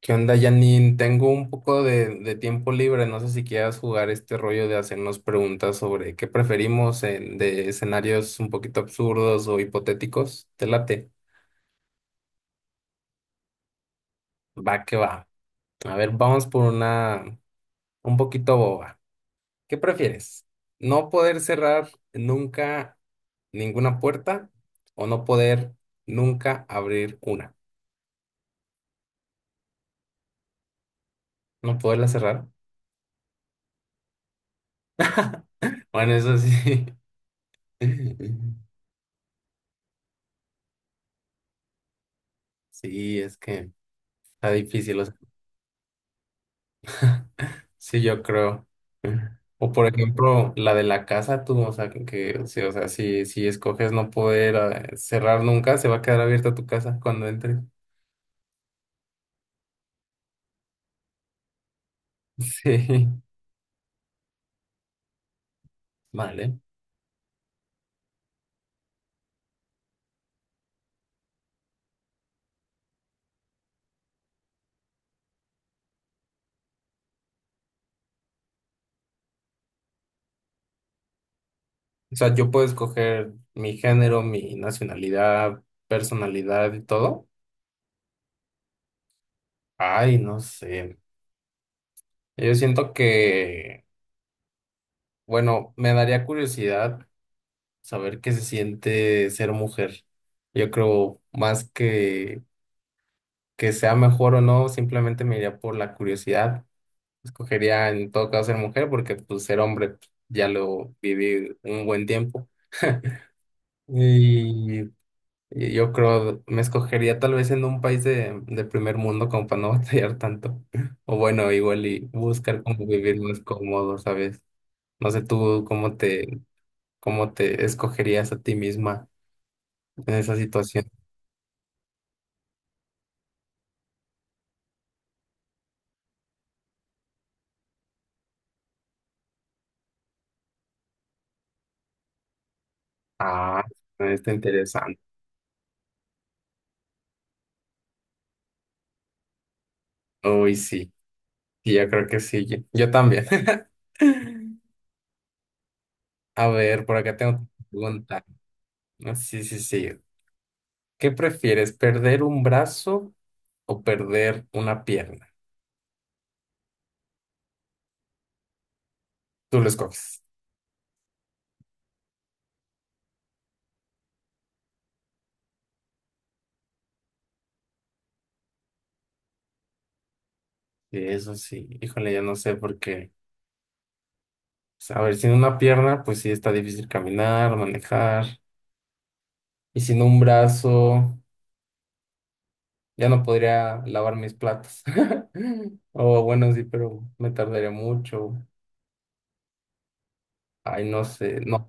¿Qué onda, Janine? Tengo un poco de tiempo libre. No sé si quieras jugar este rollo de hacernos preguntas sobre qué preferimos en, de escenarios un poquito absurdos o hipotéticos. ¿Te late? Va que va. A ver, vamos por una un poquito boba. ¿Qué prefieres? ¿No poder cerrar nunca ninguna puerta o no poder nunca abrir una? ¿No poderla cerrar? Bueno, eso sí. Sí, es que está difícil. Sí, yo creo. O por ejemplo, la de la casa, tú, o sea, sí, o sea, si escoges no poder cerrar nunca, se va a quedar abierta tu casa cuando entres. Sí, vale. O sea, yo puedo escoger mi género, mi nacionalidad, personalidad y todo. Ay, no sé. Yo siento que, bueno, me daría curiosidad saber qué se siente ser mujer. Yo creo más que sea mejor o no, simplemente me iría por la curiosidad. Escogería en todo caso ser mujer porque pues ser hombre pues, ya lo viví un buen tiempo. Y, y yo creo, me escogería tal vez en un país de primer mundo como para no batallar tanto. O bueno, igual y buscar como vivir más cómodo, ¿sabes? No sé tú cómo te escogerías a ti misma en esa situación. Ah, está interesante. Uy, sí. Y yo creo que sí, yo también. A ver, por acá tengo una pregunta. Ah, sí, sí, sí. ¿Qué prefieres, perder un brazo o perder una pierna? Tú lo escoges. Sí, eso sí. Híjole, ya no sé por qué. Pues, a ver, sin una pierna, pues sí está difícil caminar, manejar. Y sin un brazo, ya no podría lavar mis platos. O bueno, sí, pero me tardaría mucho. Ay, no sé. No.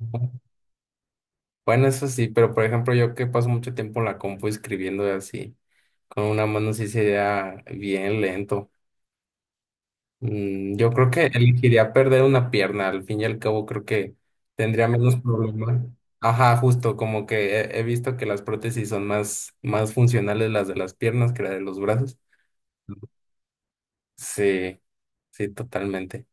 Bueno, eso sí, pero por ejemplo, yo que paso mucho tiempo en la compu escribiendo así, con una mano sí sería bien lento. Yo creo que elegiría perder una pierna, al fin y al cabo creo que tendría menos problemas. Ajá, justo, como que he visto que las prótesis son más, más funcionales las de las piernas que las de los brazos. Sí, sí, totalmente.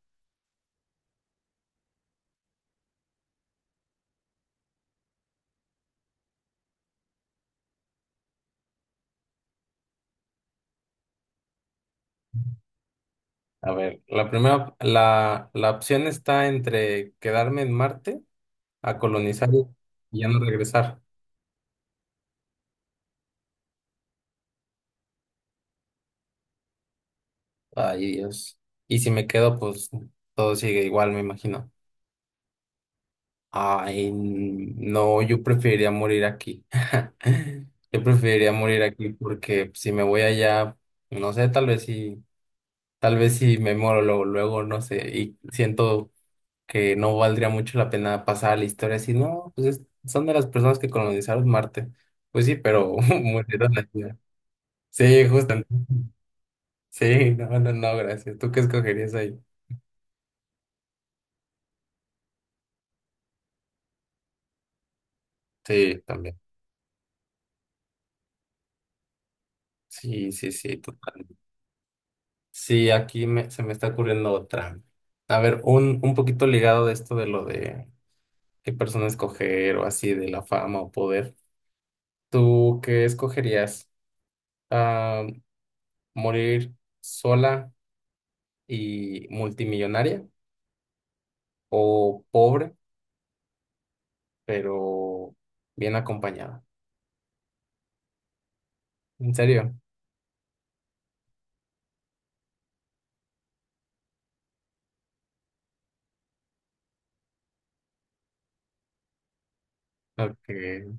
A ver, la primera, la opción está entre quedarme en Marte a colonizar y ya no regresar. Ay, Dios. Y si me quedo, pues todo sigue igual, me imagino. Ay, no, yo preferiría morir aquí. Yo preferiría morir aquí porque si me voy allá, no sé, tal vez si me muero luego, luego, no sé, y siento que no valdría mucho la pena pasar a la historia si no, son de las personas que colonizaron Marte. Pues sí, pero murieron aquí. Sí, justo. Sí, no, no, no, gracias. ¿Tú qué escogerías ahí? Sí, también. Sí, sí, sí, total. Sí, aquí se me está ocurriendo otra. A ver, un poquito ligado de esto de lo de qué persona escoger o así, de la fama o poder. ¿Tú qué escogerías? Ah, ¿morir sola y multimillonaria o pobre pero bien acompañada? ¿En serio? Okay.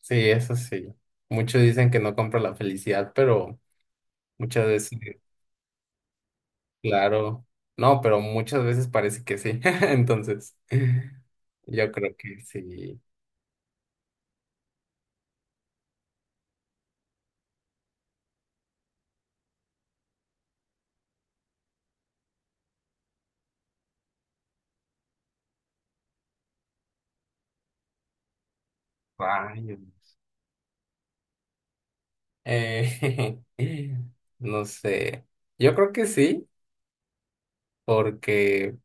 Sí, eso sí. Muchos dicen que no compra la felicidad, pero muchas veces... Claro. No, pero muchas veces parece que sí. Entonces, yo creo que sí. Rayos. Eh, no sé. Yo creo que sí, porque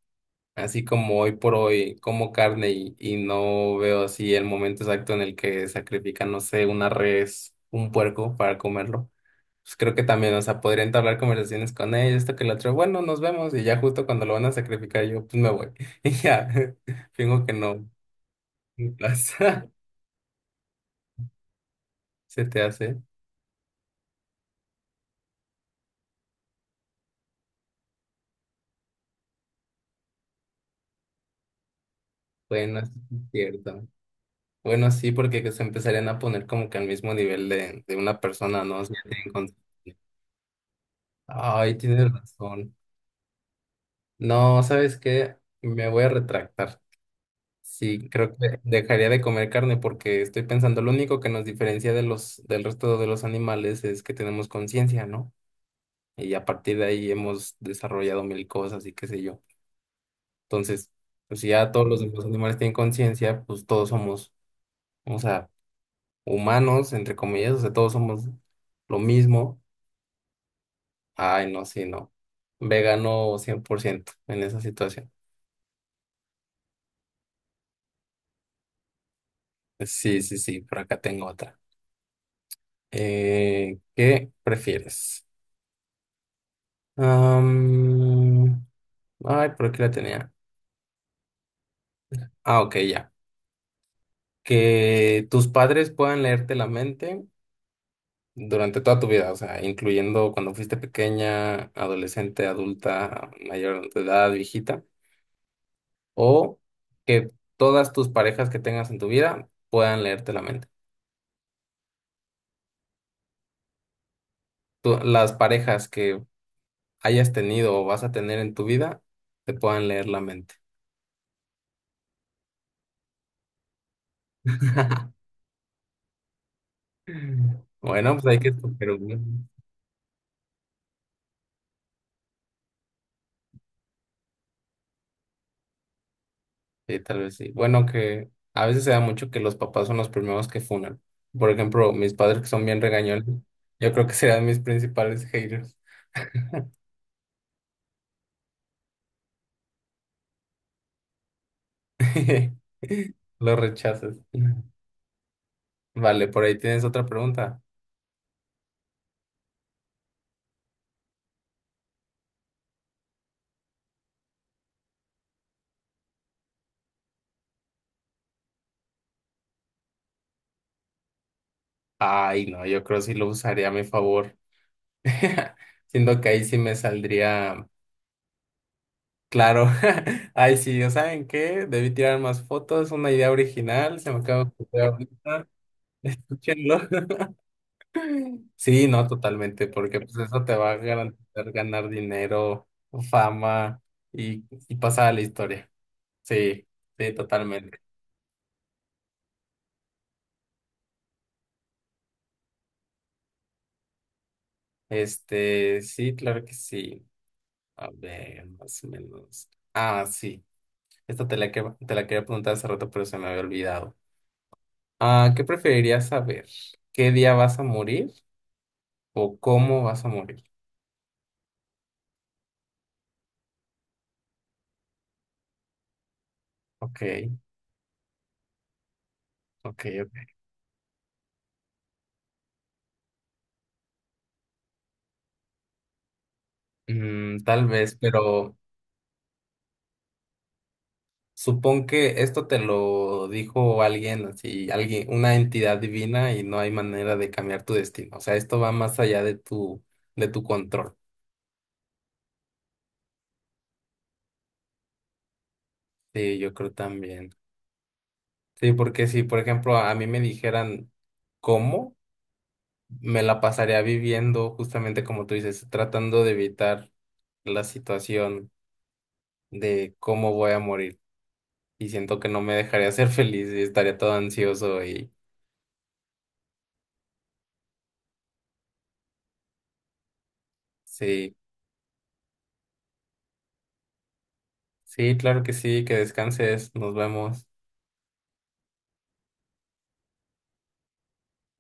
así como hoy por hoy como carne y no veo así el momento exacto en el que sacrifican, no sé, una res, un puerco para comerlo. Pues creo que también, o sea, podría entablar conversaciones con ellos, esto que lo otro, bueno, nos vemos y ya justo cuando lo van a sacrificar yo, pues me voy. Y ya, fingo que no me pasa. Se te hace. Bueno, sí es cierto. Bueno, sí, porque se empezarían a poner como que al mismo nivel de una persona, ¿no? O sea, tienen con- Ay, tienes razón. No, ¿sabes qué? Me voy a retractar. Sí, creo que dejaría de comer carne porque estoy pensando, lo único que nos diferencia de los, del resto de los animales es que tenemos conciencia, ¿no? Y a partir de ahí hemos desarrollado mil cosas y qué sé yo. Entonces, pues si ya todos los demás animales tienen conciencia, pues todos somos, o sea, humanos, entre comillas, o sea, todos somos lo mismo. Ay, no, sí, no. Vegano 100% en esa situación. Sí, sí, sí, por acá tengo otra. ¿Qué prefieres? Am, ay, por aquí la tenía. Ah, ok, ya. Que tus padres puedan leerte la mente durante toda tu vida, o sea, incluyendo cuando fuiste pequeña, adolescente, adulta, mayor de edad, viejita, o que todas tus parejas que tengas en tu vida puedan leerte la mente. Las parejas que hayas tenido o vas a tener en tu vida te puedan leer la mente. Bueno, pues hay que escoger uno. Sí, tal vez sí. Bueno, que a veces se da mucho que los papás son los primeros que funan. Por ejemplo, mis padres que son bien regañones, yo creo que serán mis principales haters. Los rechazas. Vale, por ahí tienes otra pregunta. Ay, no, yo creo que sí lo usaría a mi favor. Siendo que ahí sí me saldría claro. Ay, sí, ¿o ¿saben qué? Debí tirar más fotos, una idea original, se me acaba de ocurrir ahorita. Escúchenlo. Sí, no, totalmente, porque pues eso te va a garantizar ganar dinero, fama y pasar a la historia. Sí, sí, totalmente. Este, sí, claro que sí. A ver, más o menos. Ah, sí. Esta te la quería preguntar hace rato, pero se me había olvidado. Ah, ¿qué preferirías saber? ¿Qué día vas a morir o cómo vas a morir? Ok, ok, ok. Tal vez, pero supón que esto te lo dijo alguien, así, alguien, una entidad divina y no hay manera de cambiar tu destino. O sea, esto va más allá de tu control. Sí, yo creo también. Sí, porque si, por ejemplo, a mí me dijeran cómo, me la pasaría viviendo justamente como tú dices, tratando de evitar la situación de cómo voy a morir. Y siento que no me dejaría ser feliz y estaría todo ansioso y sí, sí, claro que sí, que descanses, nos vemos.